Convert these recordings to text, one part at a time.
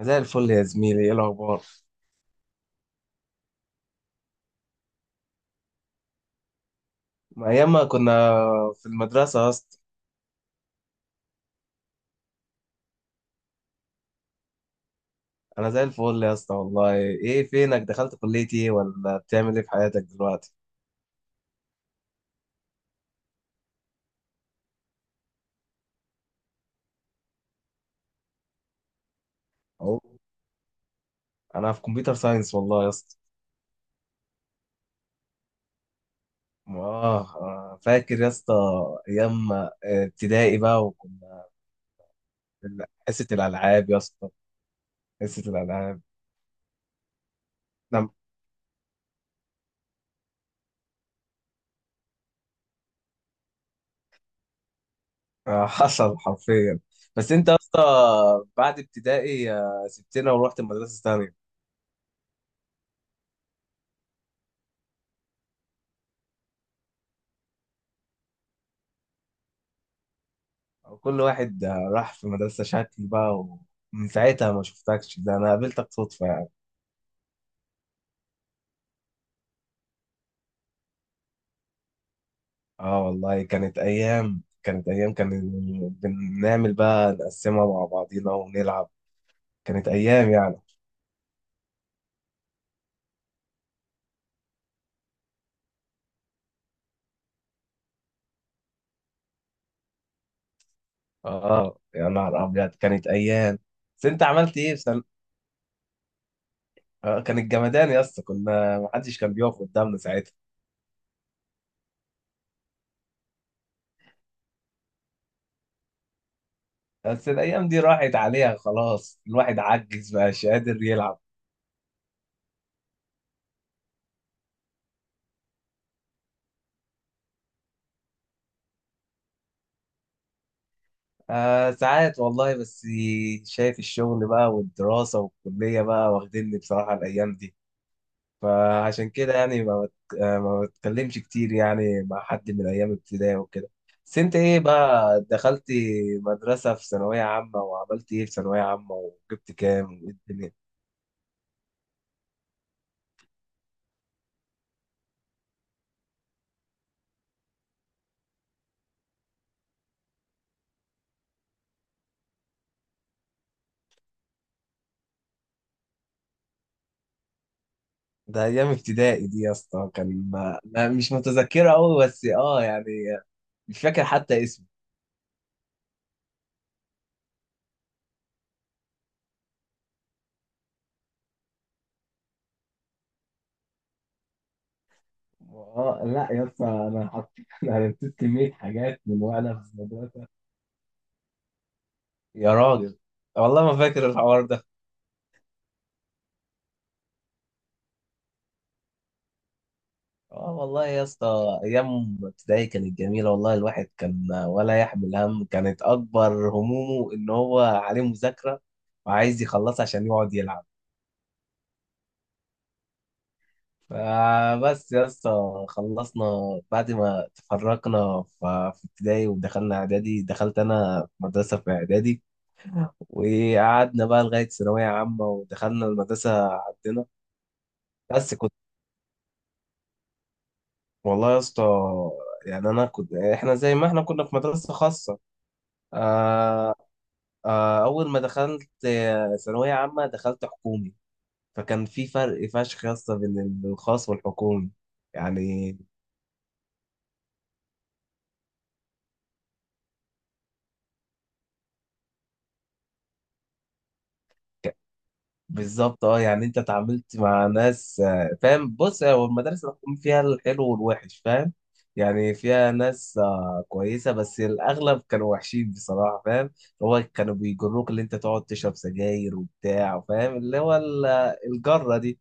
زي الفل يا زميلي، ايه الاخبار؟ ما ايام ما كنا في المدرسه يا اسطى. انا زي الفل يا اسطى والله. ايه فينك؟ دخلت كليه ايه ولا بتعمل ايه في حياتك دلوقتي؟ اهو، انا في كمبيوتر ساينس والله يا اسطى. اه. فاكر يا اسطى ايام ابتدائي بقى، وكنا في حصه الالعاب يا اسطى، حصه الالعاب. نعم، حصل حرفيا. بس انت يا اسطى، بعد ابتدائي سبتنا ورحت المدرسه الثانيه. كل واحد راح في مدرسة شكل بقى، ومن ساعتها ما شفتكش. ده أنا قابلتك صدفة يعني. اه والله، كانت أيام كان بنعمل بقى نقسمها مع بعضينا ونلعب. كانت أيام يعني. اه يا نهار أبيض، كانت أيام. بس أنت عملت إيه في سن... كانت جمدان يا اسطى، كنا محدش كان بيقف قدامنا ساعتها. بس الأيام دي راحت عليها خلاص، الواحد عجز مبقاش قادر يلعب. ساعات والله. بس شايف الشغل بقى والدراسة والكلية بقى واخديني بصراحة الأيام دي، فعشان كده يعني ما بت... آه، ما بتكلمش كتير يعني مع حد من أيام ابتدائي وكده. بس أنت إيه بقى؟ دخلت مدرسة في ثانوية عامة، وعملت إيه في ثانوية عامة، وجبت كام، وإيه الدنيا؟ ده أيام ابتدائي دي يا اسطى كان مش متذكرة أوي، بس يعني. مش فاكر حتى اسمه. اه لا يا اسطى، انا حطيت انا نسيت كميه حاجات من وانا في المدرسه. يا راجل، والله ما فاكر الحوار ده. اه والله يا اسطى، ايام ابتدائي كانت جميله والله. الواحد كان ولا يحمل هم، كانت اكبر همومه ان هو عليه مذاكره وعايز يخلصها عشان يقعد يلعب. فبس يا اسطى، خلصنا بعد ما تفرقنا في ابتدائي ودخلنا اعدادي، دخلت انا مدرسه في اعدادي، وقعدنا بقى لغاية ثانوية عامة ودخلنا المدرسة عندنا. بس كنت والله يا اسطى. يعني أنا كنت إحنا زي ما إحنا كنا في مدرسة خاصة. آه أول ما دخلت ثانوية عامة دخلت حكومي. فكان في فرق فشخ يا اسطى بين الخاص والحكومي يعني. بالظبط. اه يعني انت اتعاملت مع ناس، فاهم؟ بص، هو المدارس الحكومية فيها الحلو والوحش، فاهم؟ يعني فيها ناس كويسة، بس الأغلب كانوا وحشين بصراحة، فاهم؟ هو كانوا بيجروك اللي انت تقعد تشرب سجاير وبتاع، فاهم؟ اللي هو الجرة دي.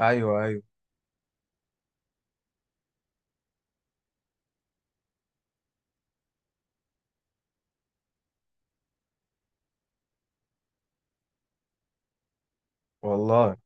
ايوه، ايوه. والله.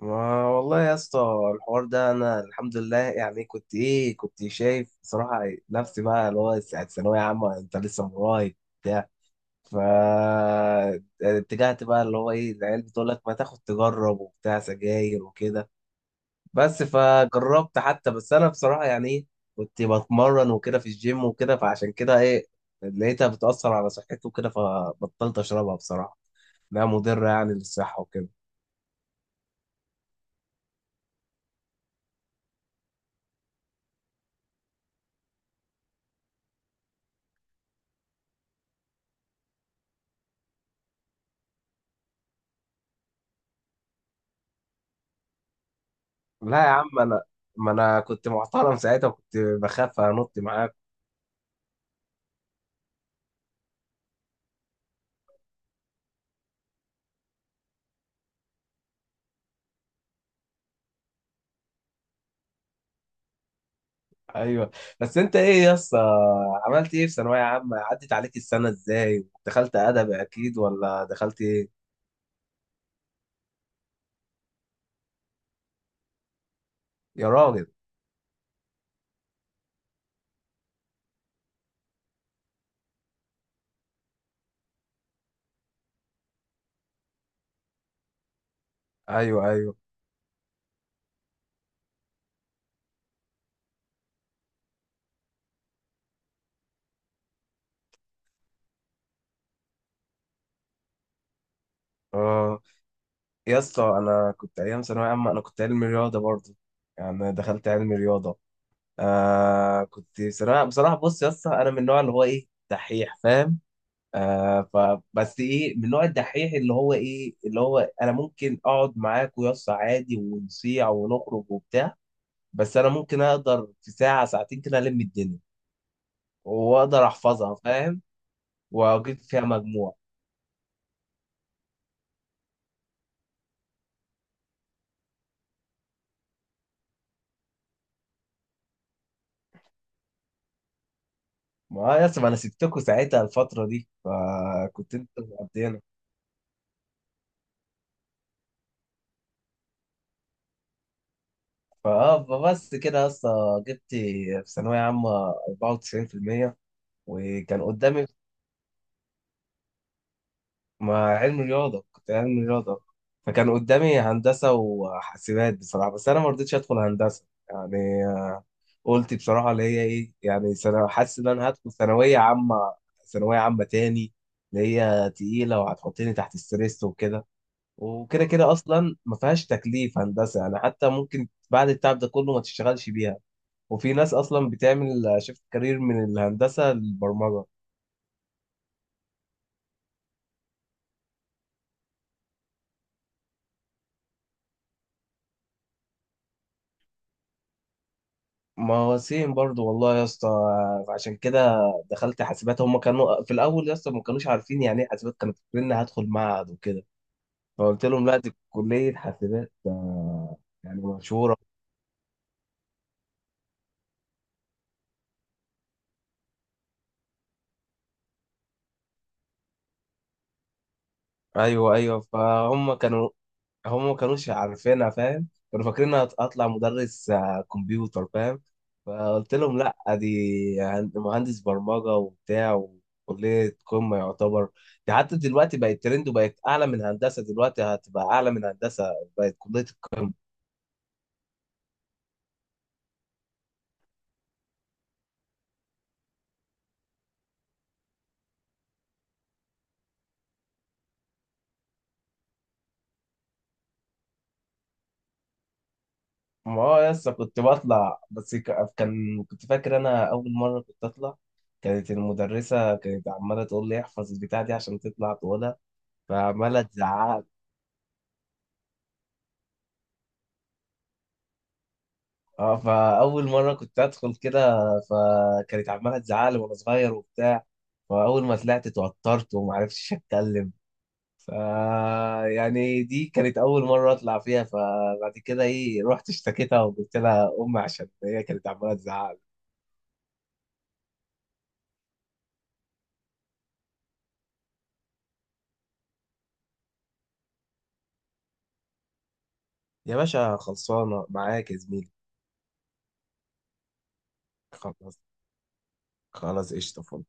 ما والله يا اسطى الحوار ده. انا الحمد لله يعني، كنت شايف بصراحة نفسي بقى، اللي هو ساعة ثانوية عامة انت لسه من ورايا. فاتجهت بقى، اللي هو ايه، العيال بتقول لك ما تاخد تجرب وبتاع سجاير وكده. بس فجربت حتى، بس انا بصراحة يعني ايه، كنت بتمرن وكده في الجيم وكده. فعشان كده ايه، لقيتها بتأثر على صحتي وكده، فبطلت اشربها بصراحة. انها مضرة يعني للصحة وكده. لا يا عم، ما انا كنت محترم ساعتها، وكنت بخاف انط معاك. ايوه. بس انت ايه يا اسطى، عملت ايه في ثانوية عامة؟ عدت عليك السنة ازاي؟ دخلت ادب اكيد ولا دخلت؟ يا راجل. ايوه، ايوه. اه يا اسطى، انا كنت ايام ثانويه عامه انا كنت علمي رياضه برضه. يعني دخلت علمي رياضه. بصراحه، بص يا اسطى، انا من النوع اللي هو ايه دحيح، فاهم؟ فبس ايه، من نوع الدحيح اللي هو انا ممكن اقعد معاك ويا اسطى عادي، ونصيع ونخرج وبتاع. بس انا ممكن اقدر في ساعه ساعتين كده الم الدنيا، واقدر احفظها، فاهم؟ واجيب فيها مجموع. ما اه يس ما انا سبتكوا ساعتها الفترة دي، فكنت انتوا مقضينا. فاه بس كده يا اسطى، جبت في ثانوية عامة 94%، وكان قدامي. ما علم رياضة، كنت علم رياضة. فكان قدامي هندسة وحاسبات بصراحة. بس انا ما رضيتش ادخل هندسة يعني. قلت بصراحة، اللي هي ايه يعني سنة، حاسس ان انا هدخل ثانوية عامة، ثانوية عامة تاني، اللي هي تقيلة وهتحطني تحت ستريس وكده. وكده كده اصلا ما فيهاش تكليف هندسه يعني، حتى ممكن بعد التعب ده كله ما تشتغلش بيها. وفي ناس اصلا بتعمل شيفت كارير من الهندسه للبرمجه. ما هو سيم برضو والله يا اسطى. عشان كده دخلت حاسبات. هم كانوا في الاول يا اسطى ما كانوش عارفين يعني ايه حاسبات، كانوا فاكرين اني هدخل معهد وكده. فقلت لهم لا، دي كليه حاسبات، يعني مشهوره. ايوه، ايوه. فهم كانوا هم ما كانوش عارفينها، فاهم؟ كانوا فاكرين هطلع مدرس كمبيوتر، فاهم؟ فقلت لهم لا، دي مهندس برمجة وبتاع، وكلية قمة يعتبر. دي حتى دلوقتي بقت ترند، وبقت أعلى من هندسة. دلوقتي هتبقى أعلى من هندسة، بقت كلية القمة. اه يس، كنت بطلع، بس ك- كان كنت فاكر أنا أول مرة كنت أطلع. كانت المدرسة عمالة تقول لي احفظ البتاع دي عشان تطلع تقولها. فعمالة تزعق. اه، فاول مره كنت ادخل كده، فكانت عماله تزعلي وانا صغير وبتاع. فاول ما طلعت اتوترت وما عرفتش اتكلم. ف يعني دي كانت اول مره اطلع فيها. فبعد كده ايه، رحت اشتكيتها وقلت لها امي، عشان هي كانت عماله تزعل. يا باشا، خلصانه معاك يا زميلي. خلاص. خلاص قشطه فل.